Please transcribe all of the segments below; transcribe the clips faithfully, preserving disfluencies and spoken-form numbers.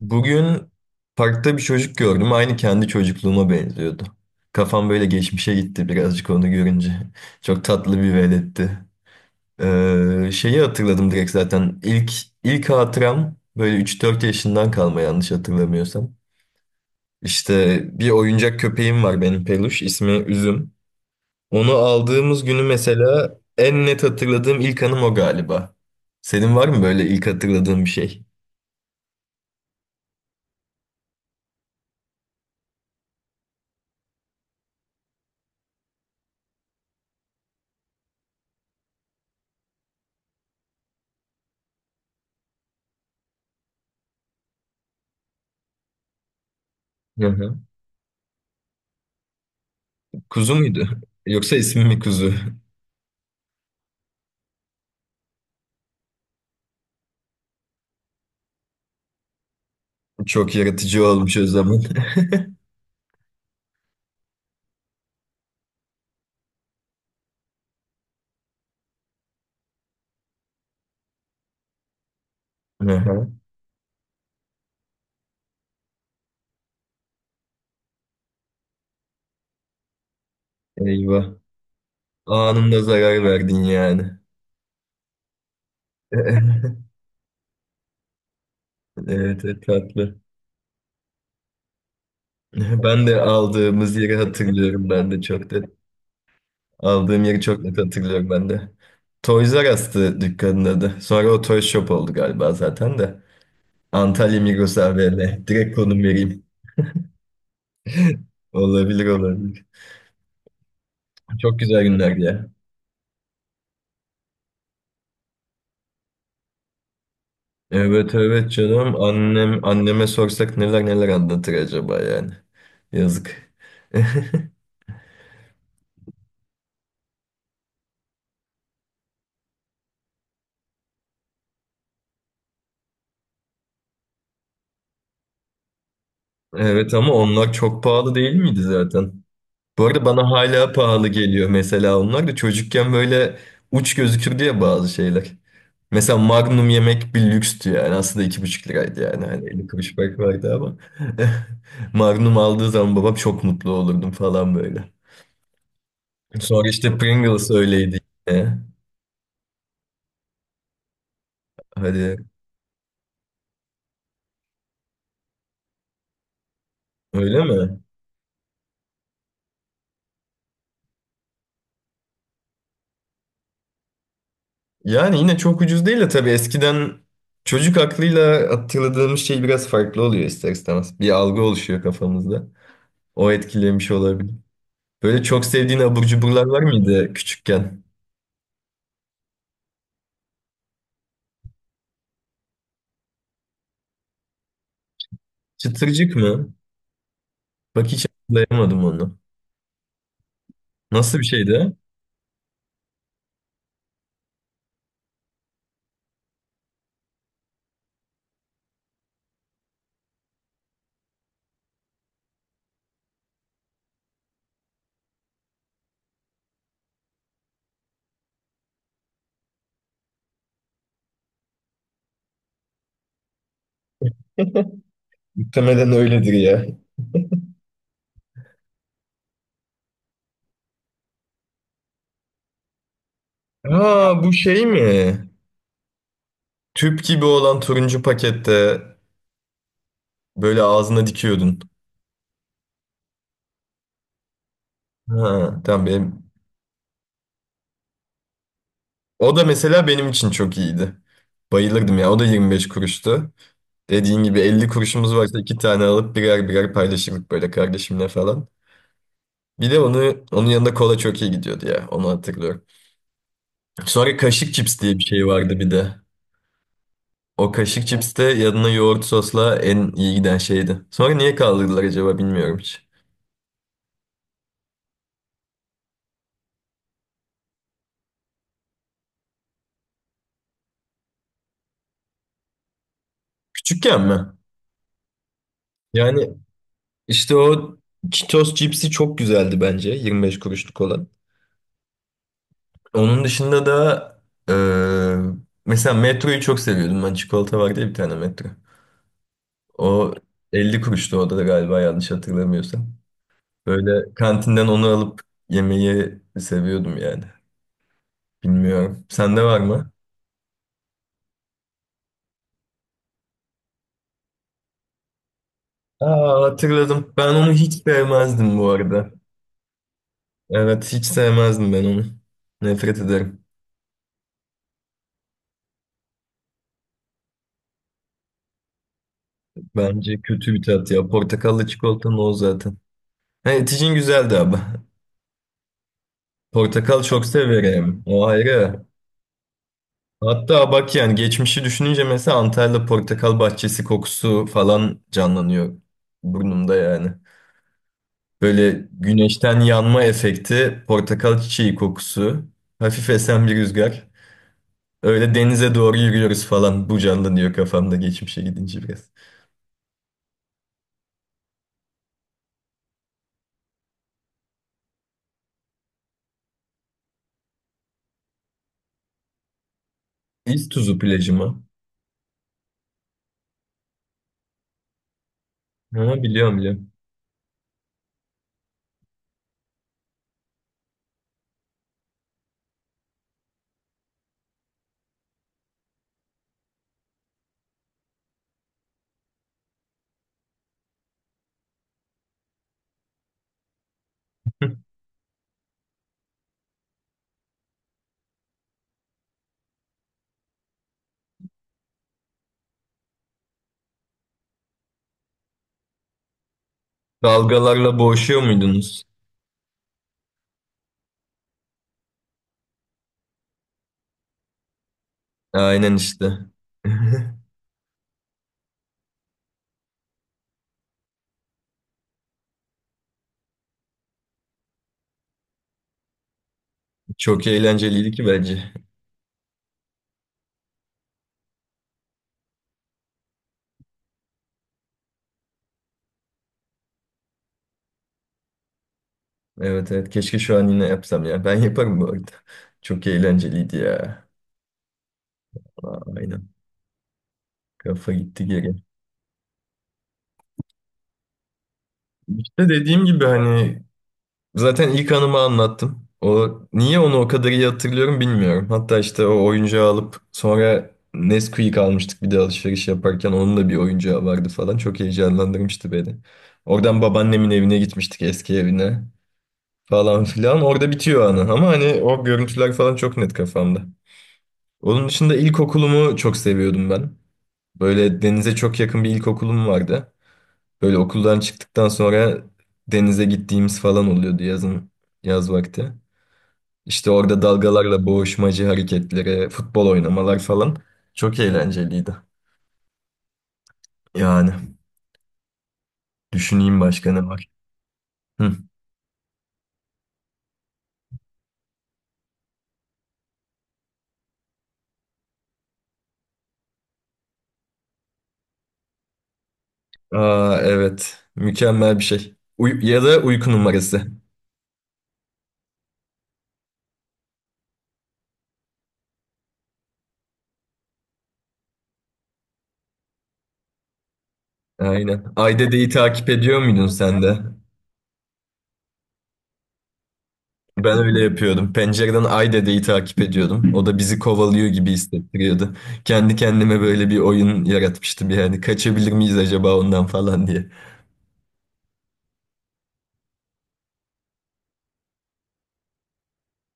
Bugün parkta bir çocuk gördüm. Aynı kendi çocukluğuma benziyordu. Kafam böyle geçmişe gitti birazcık onu görünce. Çok tatlı bir veletti. Ee, şeyi hatırladım direkt zaten. İlk, ilk hatıram böyle üç dört yaşından kalma yanlış hatırlamıyorsam. İşte bir oyuncak köpeğim var benim peluş. İsmi Üzüm. Onu aldığımız günü mesela en net hatırladığım ilk anım o galiba. Senin var mı böyle ilk hatırladığın bir şey? Hı hı. Kuzu muydu? Yoksa ismi mi kuzu? Çok yaratıcı olmuş o zaman. Aha. Eyvah. Anında zarar verdin yani. Evet, evet, tatlı. Ben de aldığımız yeri hatırlıyorum ben de çok net. Aldığım yeri çok net hatırlıyorum ben de. Toys R Us'tı dükkanın adı. Sonra o Toy Shop oldu galiba zaten de. Antalya Migros A V M. Direkt konum vereyim. Olabilir olabilir. Çok güzel günlerdi ya. Evet evet canım. Annem anneme sorsak neler neler anlatır acaba yani. Yazık. Evet ama onlar çok pahalı değil miydi zaten? Bu arada bana hala pahalı geliyor mesela onlar da çocukken böyle uç gözükür diye bazı şeyler. Mesela Magnum yemek bir lükstü yani aslında iki buçuk liraydı yani hani elli kuruş fark vardı ama Magnum aldığı zaman babam çok mutlu olurdum falan böyle. Sonra işte Pringles öyleydi yine. Hadi öyle mi? Yani yine çok ucuz değil de tabii eskiden çocuk aklıyla hatırladığımız şey biraz farklı oluyor ister istemez. Bir algı oluşuyor kafamızda. O etkilemiş olabilir. Böyle çok sevdiğin abur cuburlar var mıydı küçükken? Çıtırcık mı? Bak hiç hatırlayamadım onu. Nasıl bir şeydi? Muhtemelen öyledir ya. Ha bu şey mi? Tüp gibi olan turuncu pakette böyle ağzına dikiyordun. Ha tamam benim. O da mesela benim için çok iyiydi. Bayılırdım ya. O da yirmi beş kuruştu. Dediğin gibi elli kuruşumuz varsa iki tane alıp birer birer paylaşırdık böyle kardeşimle falan. Bir de onu onun yanında kola çok iyi gidiyordu ya. Onu hatırlıyorum. Sonra kaşık cips diye bir şey vardı bir de. O kaşık cips de yanına yoğurt sosla en iyi giden şeydi. Sonra niye kaldırdılar acaba bilmiyorum hiç. Küçükken mi? Yani işte o Cheetos cipsi çok güzeldi bence. yirmi beş kuruşluk olan. Onun dışında da eee, mesela Metro'yu çok seviyordum ben. Çikolata vardı ya bir tane Metro. O elli kuruştu o da galiba yanlış hatırlamıyorsam. Böyle kantinden onu alıp yemeyi seviyordum yani. Bilmiyorum. Sende var mı? Aa, hatırladım. Ben onu hiç sevmezdim bu arada. Evet, hiç sevmezdim ben onu. Nefret ederim. Bence kötü bir tat ya. Portakallı çikolatanın o zaten. Ha, eticin güzeldi abi. Portakal çok severim. O ayrı. Hatta bak yani geçmişi düşününce mesela Antalya portakal bahçesi kokusu falan canlanıyor burnumda yani. Böyle güneşten yanma efekti, portakal çiçeği kokusu, hafif esen bir rüzgar. Öyle denize doğru yürüyoruz falan. Bu canlanıyor kafamda geçmişe gidince biraz. İztuzu plajı mı? Ha, biliyorum biliyorum. Dalgalarla boğuşuyor muydunuz? Aynen işte. Çok eğlenceliydi ki bence. Evet evet keşke şu an yine yapsam ya. Ben yaparım bu arada. Çok eğlenceliydi ya. Aa, aynen. Kafa gitti geri. İşte dediğim gibi hani zaten ilk anımı anlattım. O niye onu o kadar iyi hatırlıyorum bilmiyorum. Hatta işte o oyuncağı alıp sonra Nesquik almıştık bir de alışveriş yaparken onun da bir oyuncağı vardı falan. Çok heyecanlandırmıştı beni. Oradan babaannemin evine gitmiştik eski evine falan filan. Orada bitiyor anı ama hani o görüntüler falan çok net kafamda. Onun dışında ilkokulumu çok seviyordum ben. Böyle denize çok yakın bir ilkokulum vardı. Böyle okuldan çıktıktan sonra denize gittiğimiz falan oluyordu yazın, yaz vakti. İşte orada dalgalarla boğuşmacı hareketleri, futbol oynamalar falan çok eğlenceliydi. Yani düşüneyim başka ne var. Hı. Aa evet. Mükemmel bir şey. Uy- ya da uyku numarası. Aynen. Ay dedeyi takip ediyor muydun sen de? Ben öyle yapıyordum. Pencereden Ay dedeyi takip ediyordum. O da bizi kovalıyor gibi hissettiriyordu. Kendi kendime böyle bir oyun yaratmıştım yani. Kaçabilir miyiz acaba ondan falan diye.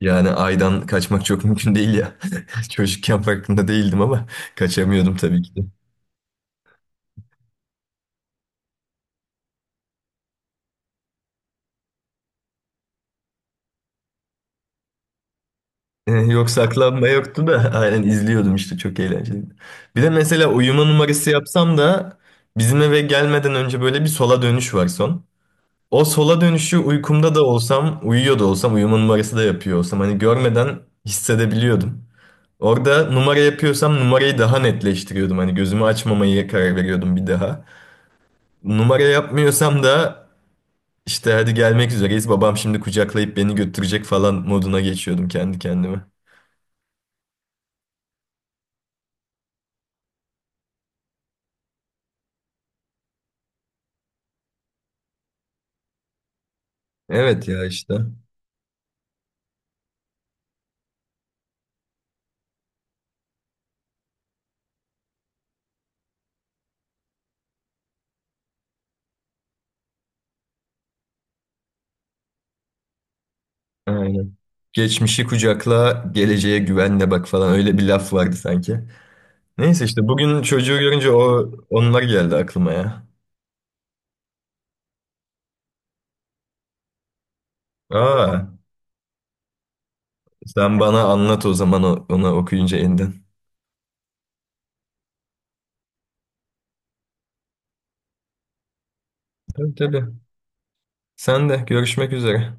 Yani aydan kaçmak çok mümkün değil ya. Çocukken farkında değildim ama kaçamıyordum tabii ki de. Ee, Yok saklanma yoktu da aynen izliyordum işte çok eğlenceliydi. Bir de mesela uyuma numarası yapsam da bizim eve gelmeden önce böyle bir sola dönüş var son. O sola dönüşü uykumda da olsam, uyuyor da olsam, uyuma numarası da yapıyor olsam hani görmeden hissedebiliyordum. Orada numara yapıyorsam numarayı daha netleştiriyordum. Hani gözümü açmamaya karar veriyordum bir daha. Numara yapmıyorsam da İşte hadi gelmek üzereyiz. Babam şimdi kucaklayıp beni götürecek falan moduna geçiyordum kendi kendime. Evet ya işte. Aynen. Geçmişi kucakla, geleceğe güvenle bak falan öyle bir laf vardı sanki. Neyse işte bugün çocuğu görünce o onlar geldi aklıma ya. Aa, sen bana anlat o zaman o- ona okuyunca elden. Tabii tabii. Sen de görüşmek üzere.